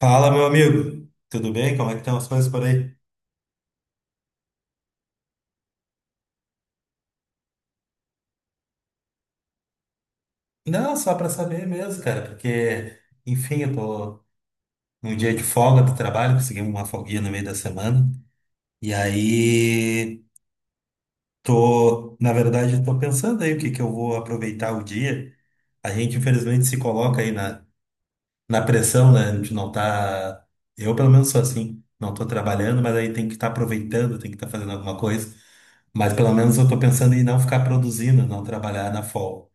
Fala, meu amigo. Tudo bem? Como é que estão as coisas por aí? Não, só para saber mesmo, cara, porque, enfim, eu tô num dia de folga do trabalho, consegui uma folguinha no meio da semana. E aí, tô, na verdade, eu tô pensando aí o que que eu vou aproveitar o dia. A gente, infelizmente, se coloca aí na pressão, né? A gente não tá. Eu, pelo menos, sou assim. Não tô trabalhando, mas aí tem que estar aproveitando, tem que estar fazendo alguma coisa. Mas pelo menos eu tô pensando em não ficar produzindo, não trabalhar na folga.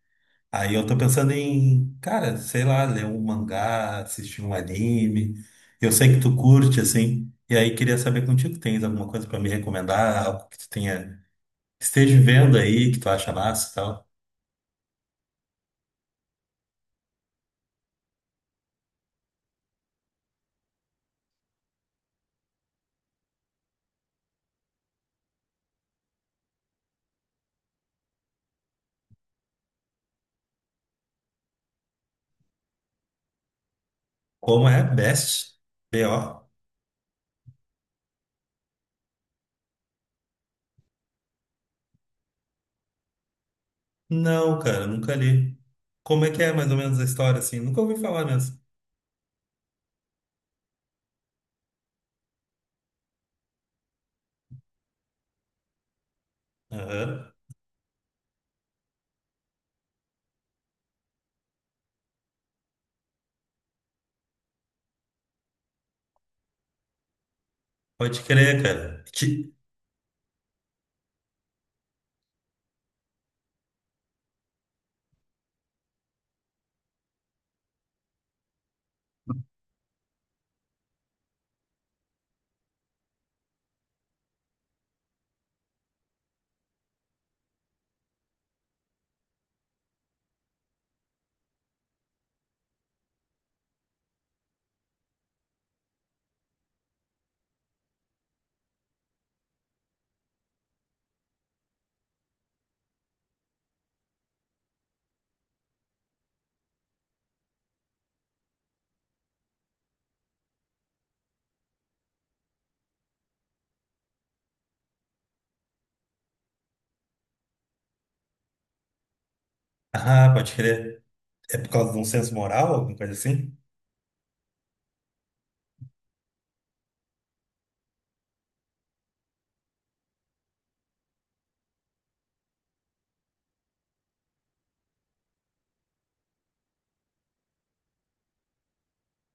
Aí eu tô pensando em, cara, sei lá, ler um mangá, assistir um anime. Eu sei que tu curte, assim, e aí queria saber contigo, tens alguma coisa pra me recomendar, algo que tu tenha, esteja vendo aí, que tu acha massa e tal. Como é? Best? B.O.? Não, cara, nunca li. Como é que é mais ou menos a história, assim? Nunca ouvi falar mesmo. Aham. Pode crer, cara. Ti- Ah, pode crer. É por causa de um senso moral, alguma coisa assim?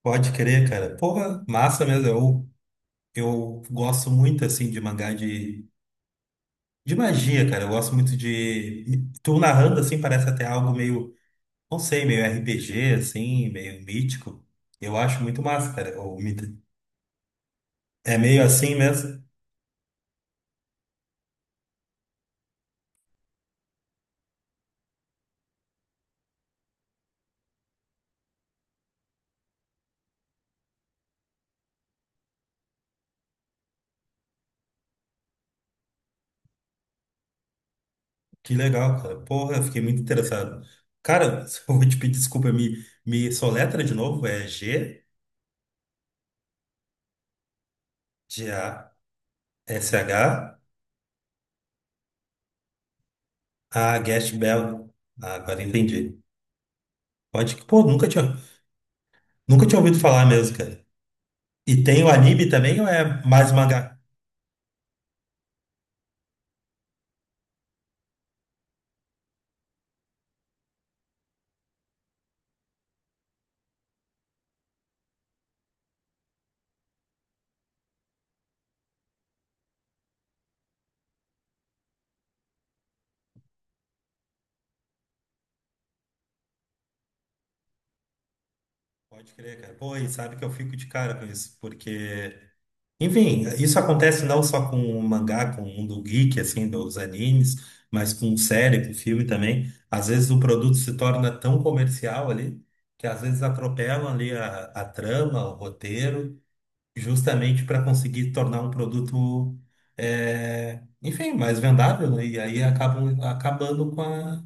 Pode crer, cara. Porra, massa mesmo. Eu gosto muito, assim, de mangá de magia, cara. Eu gosto muito de... Tu narrando, assim, parece até algo meio, não sei, meio RPG, assim, meio mítico. Eu acho muito massa, cara. O mito- É meio assim mesmo. Que legal, cara. Porra, eu fiquei muito interessado. Cara, se eu vou te pedir desculpa, me soletra de novo. É G, G-A-S-H, A, S H, A, Guest Bell. Ah, agora entendi. Pode que, pô, nunca tinha ouvido falar mesmo, cara. E tem o anime também ou é mais mangá? Pode crer, cara. Pô, e sabe que eu fico de cara com isso, porque, enfim, isso acontece não só com o mangá, com o mundo geek, assim, dos animes, mas com série, com filme também. Às vezes o produto se torna tão comercial ali, que às vezes atropelam ali a trama, o roteiro, justamente para conseguir tornar um produto, é, enfim, mais vendável, né? E aí acabam acabando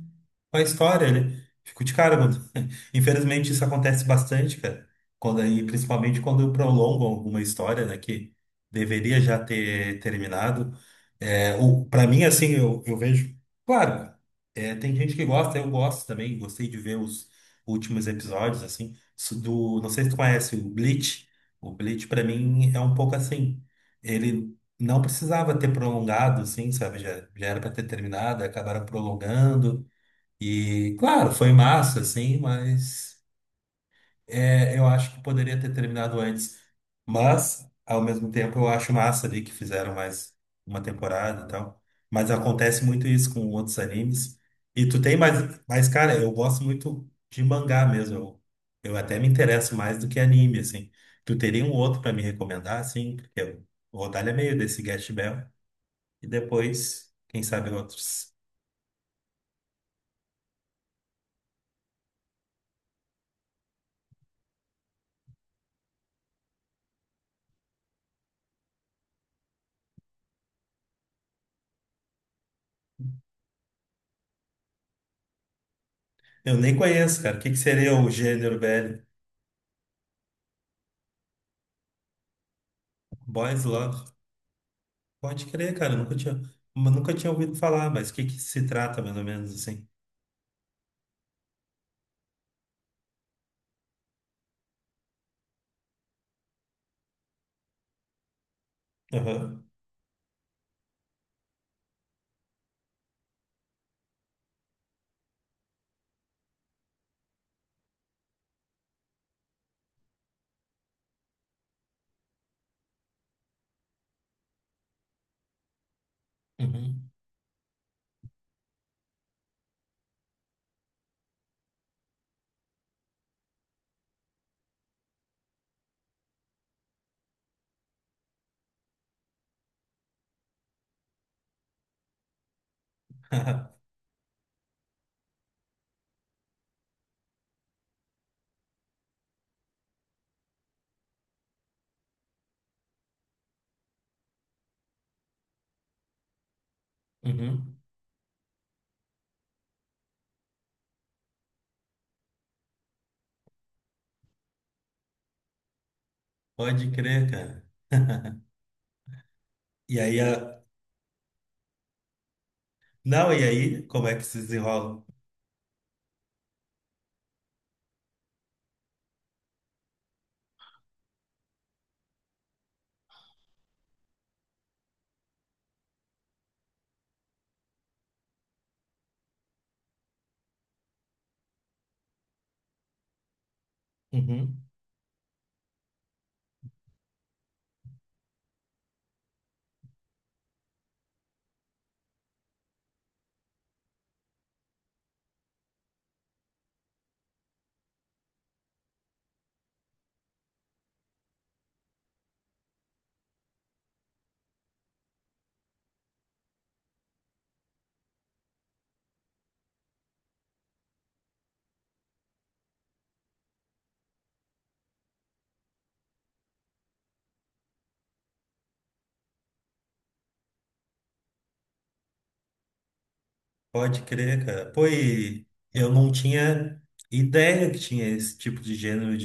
com a história, né? Fico de cara, mano. Infelizmente isso acontece bastante, cara. Quando aí, principalmente quando prolongam alguma história, né, que deveria já ter terminado. É, o, para mim, assim, eu vejo. Claro, é, tem gente que gosta, eu gosto também, gostei de ver os últimos episódios, assim, do, não sei se tu conhece o Bleach. O Bleach, pra mim, é um pouco assim. Ele não precisava ter prolongado, assim, sabe? Já era pra ter terminado, acabaram prolongando. E, claro, foi massa, assim, mas. É, eu acho que poderia ter terminado antes, mas ao mesmo tempo eu acho massa ali que fizeram mais uma temporada e tal. Mas acontece muito isso com outros animes. E tu tem mais, mas cara, eu gosto muito de mangá mesmo. Eu até me interesso mais do que anime, assim. Tu teria um outro pra me recomendar, assim? Porque eu- o Rodalho é meio desse Gash Bell. E depois, quem sabe outros. Eu nem conheço, cara. O que que seria o gênero, velho? Boys Love. Pode crer, cara. Eu nunca tinha ouvido falar, mas o que que se trata, mais ou menos, assim? Aham. Uhum. Uhum. Pode crer, cara. E aí a... Não, e aí, como é que se desenrola? Uhum. Pode crer, cara. Pô, e eu não tinha ideia que tinha esse tipo de gênero.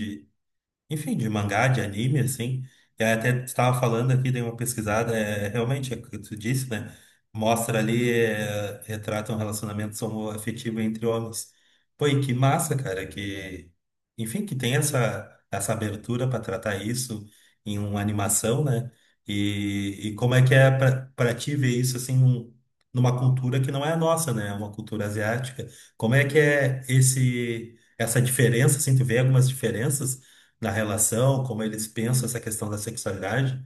Enfim, de mangá, de anime, assim. E aí até estava falando aqui, dei uma pesquisada, é, realmente é o que tu disse, né? Mostra ali, é, retrata um relacionamento homoafetivo entre homens. Pô, e que massa, cara, que. Enfim, que tem essa abertura para tratar isso em uma animação, né? E como é que é para ti ver isso, assim, num- numa cultura que não é a nossa, né? É uma cultura asiática. Como é que é esse. Essa diferença, assim, tu vê algumas diferenças na relação, como eles pensam essa questão da sexualidade,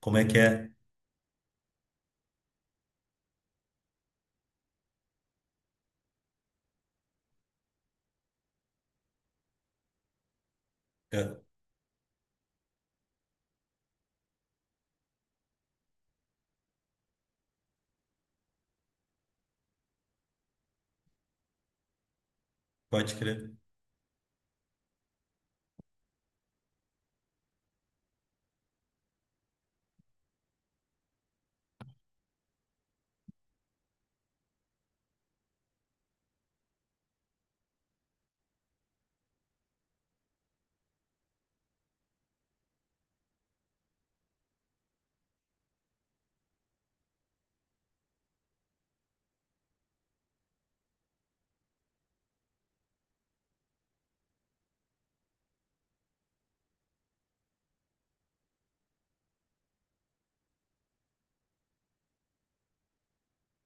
como é que é. É, Pode crer.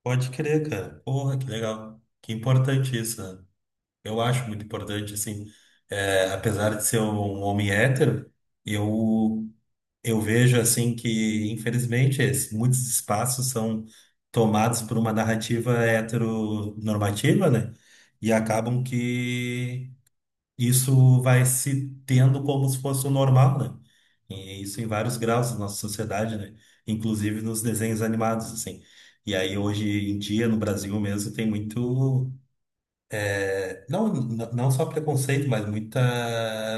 Pode crer, cara. Porra, que legal. Que importante isso, né? Eu acho muito importante, assim, é, apesar de ser um homem hétero, eu, eu vejo, assim, que, infelizmente, es- muitos espaços são tomados por uma narrativa heteronormativa, né? E acabam que isso vai se tendo como se fosse o normal, né? E isso em vários graus da nossa sociedade, né? Inclusive nos desenhos animados, assim. E aí hoje em dia no Brasil mesmo tem muito é, não, n- não só preconceito, mas muita,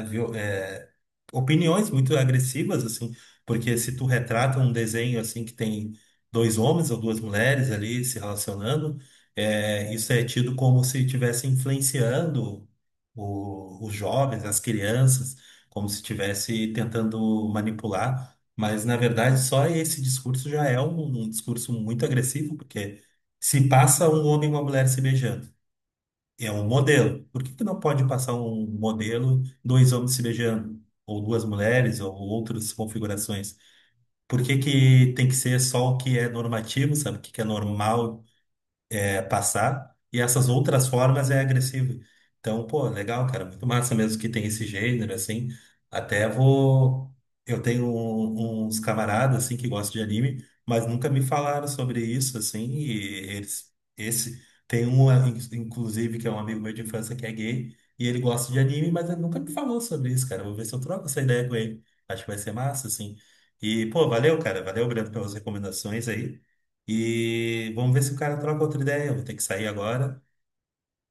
viol- é, opiniões muito agressivas, assim, porque se tu retrata um desenho, assim, que tem dois homens ou duas mulheres ali se relacionando, é, isso é tido como se estivesse influenciando o- os jovens, as crianças, como se estivesse tentando manipular, mas, na verdade, só esse discurso já é um discurso muito agressivo, porque se passa um homem e uma mulher se beijando. É um modelo. Por que que não pode passar um modelo, dois homens se beijando, ou duas mulheres, ou outras configurações? Por que que tem que ser só o que é normativo, sabe? O que que é normal, é, passar, e essas outras formas é agressivo. Então, pô, legal, cara, muito massa mesmo que tem esse gênero, assim. Até vou. Eu tenho um- uns camaradas, assim, que gostam de anime, mas nunca me falaram sobre isso, assim, e eles. Esse. Tem um, ah, in- inclusive, que é um amigo meu de infância que é gay, e ele gosta de anime, mas ele nunca me falou sobre isso, cara. Vou ver se eu troco essa ideia com ele. Acho que vai ser massa, assim. E, pô, valeu, cara. Valeu, Brando, pelas recomendações aí. E vamos ver se o cara troca outra ideia. Eu vou ter que sair agora,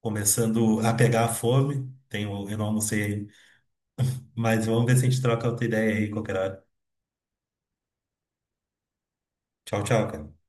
começando a pegar a fome. Tenho, eu não almocei ainda. Mas vamos ver se a gente troca outra ideia aí qualquer hora. Tchau, tchau, cara.